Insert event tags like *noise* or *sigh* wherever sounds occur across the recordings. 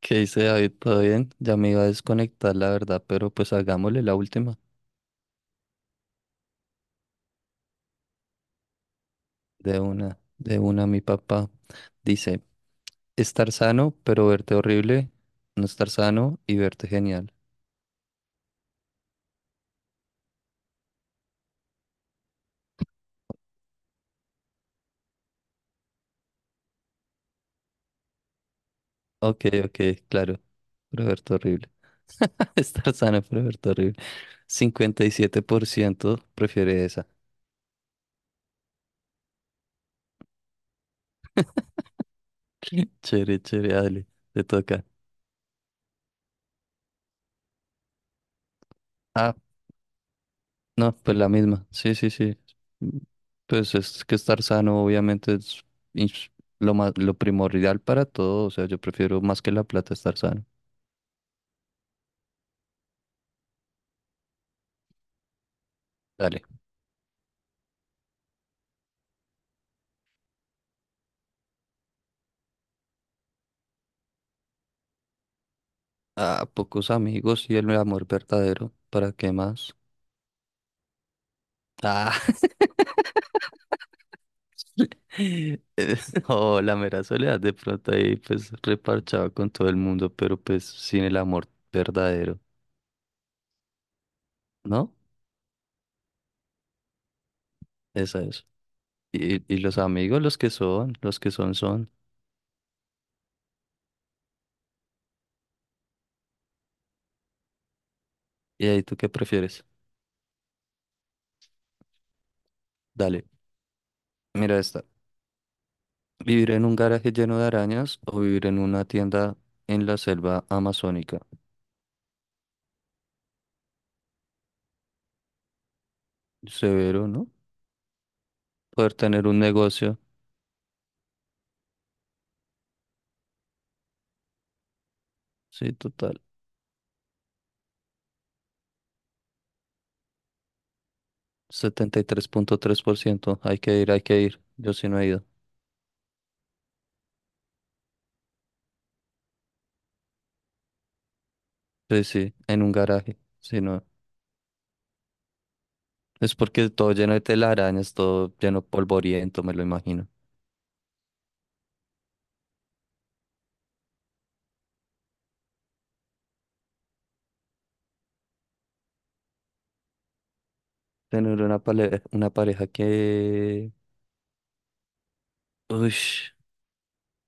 ¿Qué dice David? ¿Todo bien? Ya me iba a desconectar, la verdad, pero pues hagámosle la última. De una, mi papá. Dice, estar sano, pero verte horrible. No estar sano y verte genial. Ok, claro. Pero verte horrible. *laughs* Estar sano, pero verte horrible. 57% prefiere esa. *laughs* Chévere, dale. Te toca. ah No, pues la misma. Sí. Mm, Pues es que estar sano obviamente es ins- lo más, lo primordial para todo. O sea, yo prefiero más que la plata estar sano. Dale. A pocos amigos y el amor verdadero. ¿Para qué más? Ah, *laughs* eh, no, la mera soledad de pronto ahí pues reparchado con todo el mundo, pero pues sin el amor verdadero, ¿no? Esa es. Y los amigos, los que son, son. ¿Y ahí tú qué prefieres? Dale, mira esta. ¿Vivir en un garaje lleno de arañas o vivir en una tienda en la selva amazónica? Severo, ¿no? Poder tener un negocio. Sí, total. Setenta y tres punto tres por ciento. Hay que ir, hay que ir. Yo sí no he ido. Sí, sí, en un garaje. Sí, no. Es porque todo lleno de telarañas, todo lleno de polvoriento, me lo imagino. Tener una pareja que... Uy,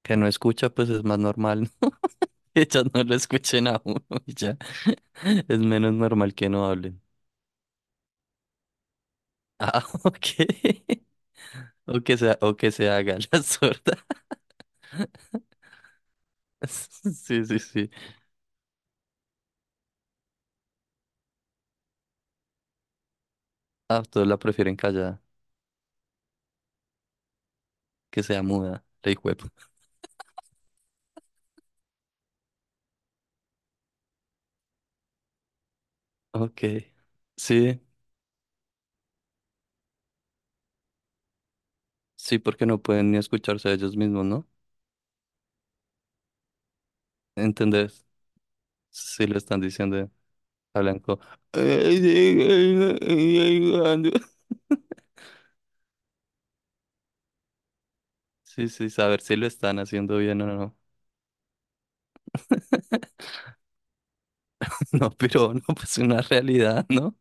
que no escucha, pues es más normal. *laughs* Ellas no lo escuchen a uno y ya. *laughs* Es menos normal que no hablen. Ah, *laughs* ok. O que sea, o que se haga la sorda. *laughs* Sí. Ah, todos la prefieren callada, que sea muda, la hijuepu. Ok. Sí, sí, porque no pueden ni escucharse a ellos mismos, ¿no? ¿Entendés? Si lo están diciendo a Blanco. *laughs* Sí, saber si lo están haciendo bien o no. *laughs* No, pero no, pues una realidad, ¿no?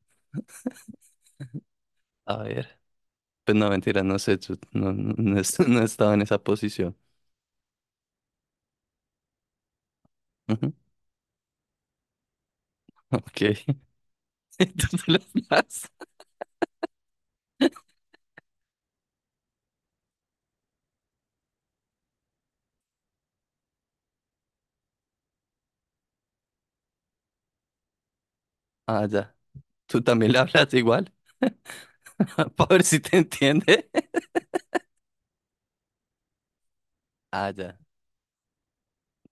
A ver. Pues no, mentira, no sé, yo no he *laughs* no he estado en esa posición. Ok. *laughs* ¿Tú se le hablas? Ah, ya. ¿Tú también le hablas igual? *laughs* Para ver si te entiende. *laughs* Ah, ya.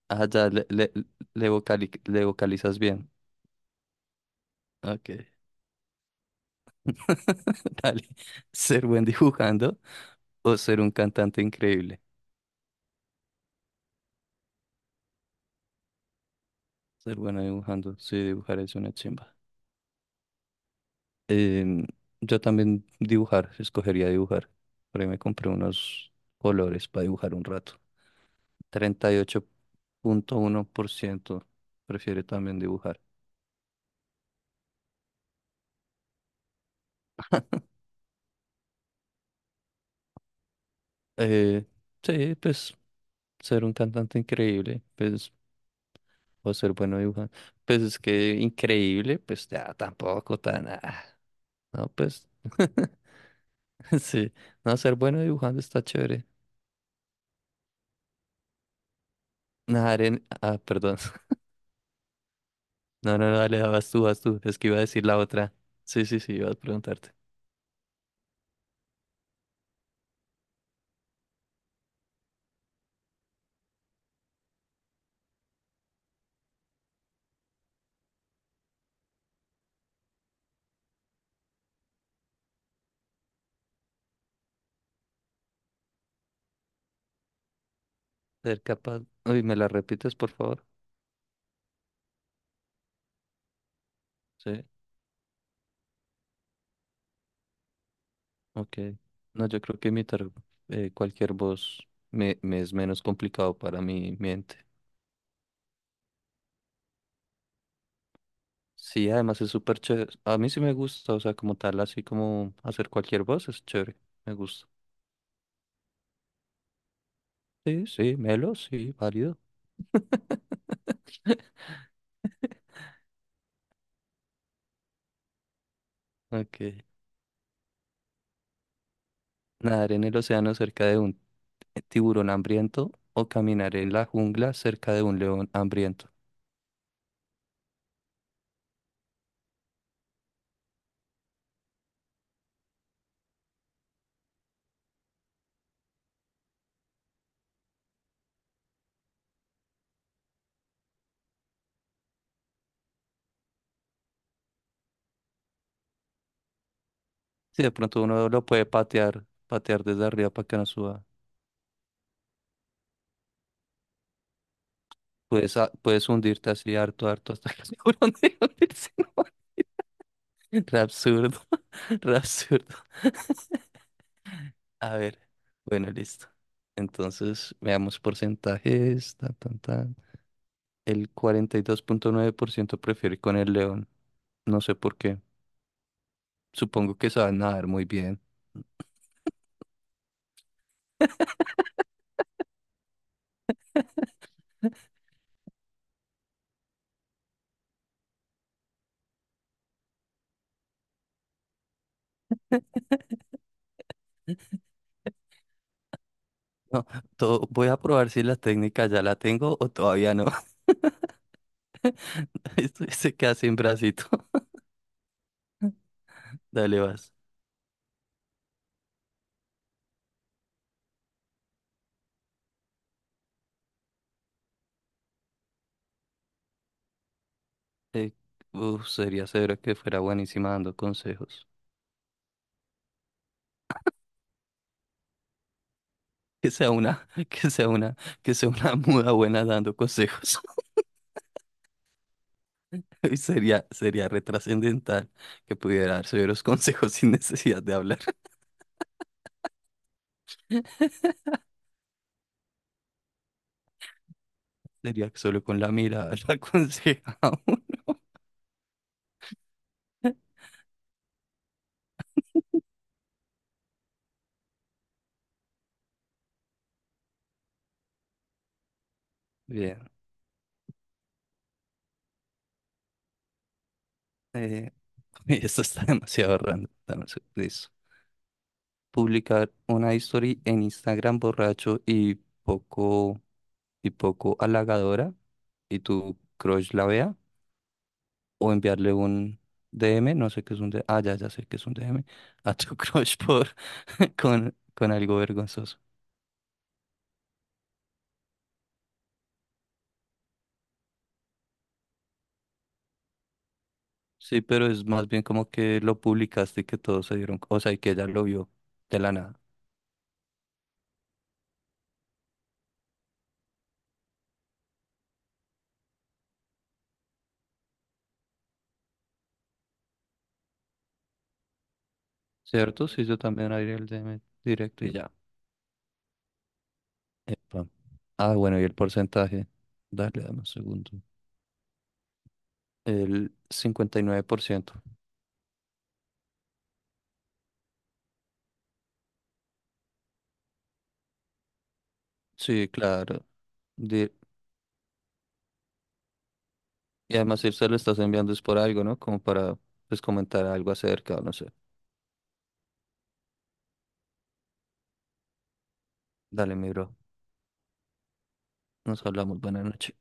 Ah, ya. Le vocalizas bien. Ok. *laughs* Dale. Ser buen dibujando o ser un cantante increíble. Ser bueno dibujando. Sí, dibujar es una chimba. Em, yo también dibujar. Escogería dibujar. Por ahí me compré unos colores para dibujar un rato. 38.1% prefiere también dibujar. Eh, sí, pues ser un cantante increíble, pues, o ser bueno dibujante. Pues es que increíble, pues ya tampoco tan. Ah, no, pues. *laughs* Sí, no, ser bueno dibujando está chévere. Nadar en. Ah, perdón. *laughs* No, no, no, dale, vas tú. Es que iba a decir la otra. Sí, iba a preguntarte. Ser capaz. Uy, ¿me la repites, por favor? Sí, ok. No, yo creo que imitar cualquier voz me es menos complicado para mi mente. Sí, además es súper chévere. A mí sí me gusta, o sea, como tal, así como hacer cualquier voz es chévere. Me gusta. Sí, Melo, sí, válido. Ok. Nadar en el océano cerca de un tiburón hambriento o caminar en la jungla cerca de un león hambriento. Sí, de pronto uno lo puede patear, patear desde arriba para que no suba. Puedes hundirte así harto, harto hasta que el tiburón *laughs* deje hundirse. *laughs* Re absurdo, *laughs* re absurdo. A ver, bueno, listo. Entonces, veamos porcentajes, tan, tan, tan. El 42.9% prefiere ir con el león. No sé por qué. Supongo que saben nadar muy bien. No, todo, voy a probar si la técnica ya la tengo o todavía no. *laughs* Esto se queda sin bracito. *laughs* Dale, vas. Eh, uf, sería severo que fuera buenísima dando consejos. Que sea una, *laughs* que sea una, que sea una muda buena dando consejos. *laughs* Sería retrascendental que pudiera dar severos *laughs* consejos sin necesidad de hablar. *laughs* Sería que solo con la mirada la *laughs* aconseja a uno. *laughs* Bien. eh, uy, esto está demasiado random. Dame un listo. Publicar una historia en Instagram borracho y poco, y poco halagadora y tu crush la vea. O enviarle un DM, no sé qué es un DM. Ah, ya, ya sé qué es un DM. A tu *laughs* crush *laughs* con algo vergonzoso. Sí, pero es más bien como que lo publicaste y que todos se dieron, o sea, y que ella lo vio de la nada, ¿cierto? Sí, yo también abrí el DM directo y ya. Epa. Ah, bueno, y el porcentaje. Dale, dame un segundo. El 59%. Sí, claro. Di- y además, si se lo estás enviando es por algo, ¿no? Como para, pues, comentar algo acerca, no sé. Dale, mi bro. Nos hablamos. Buenas noches.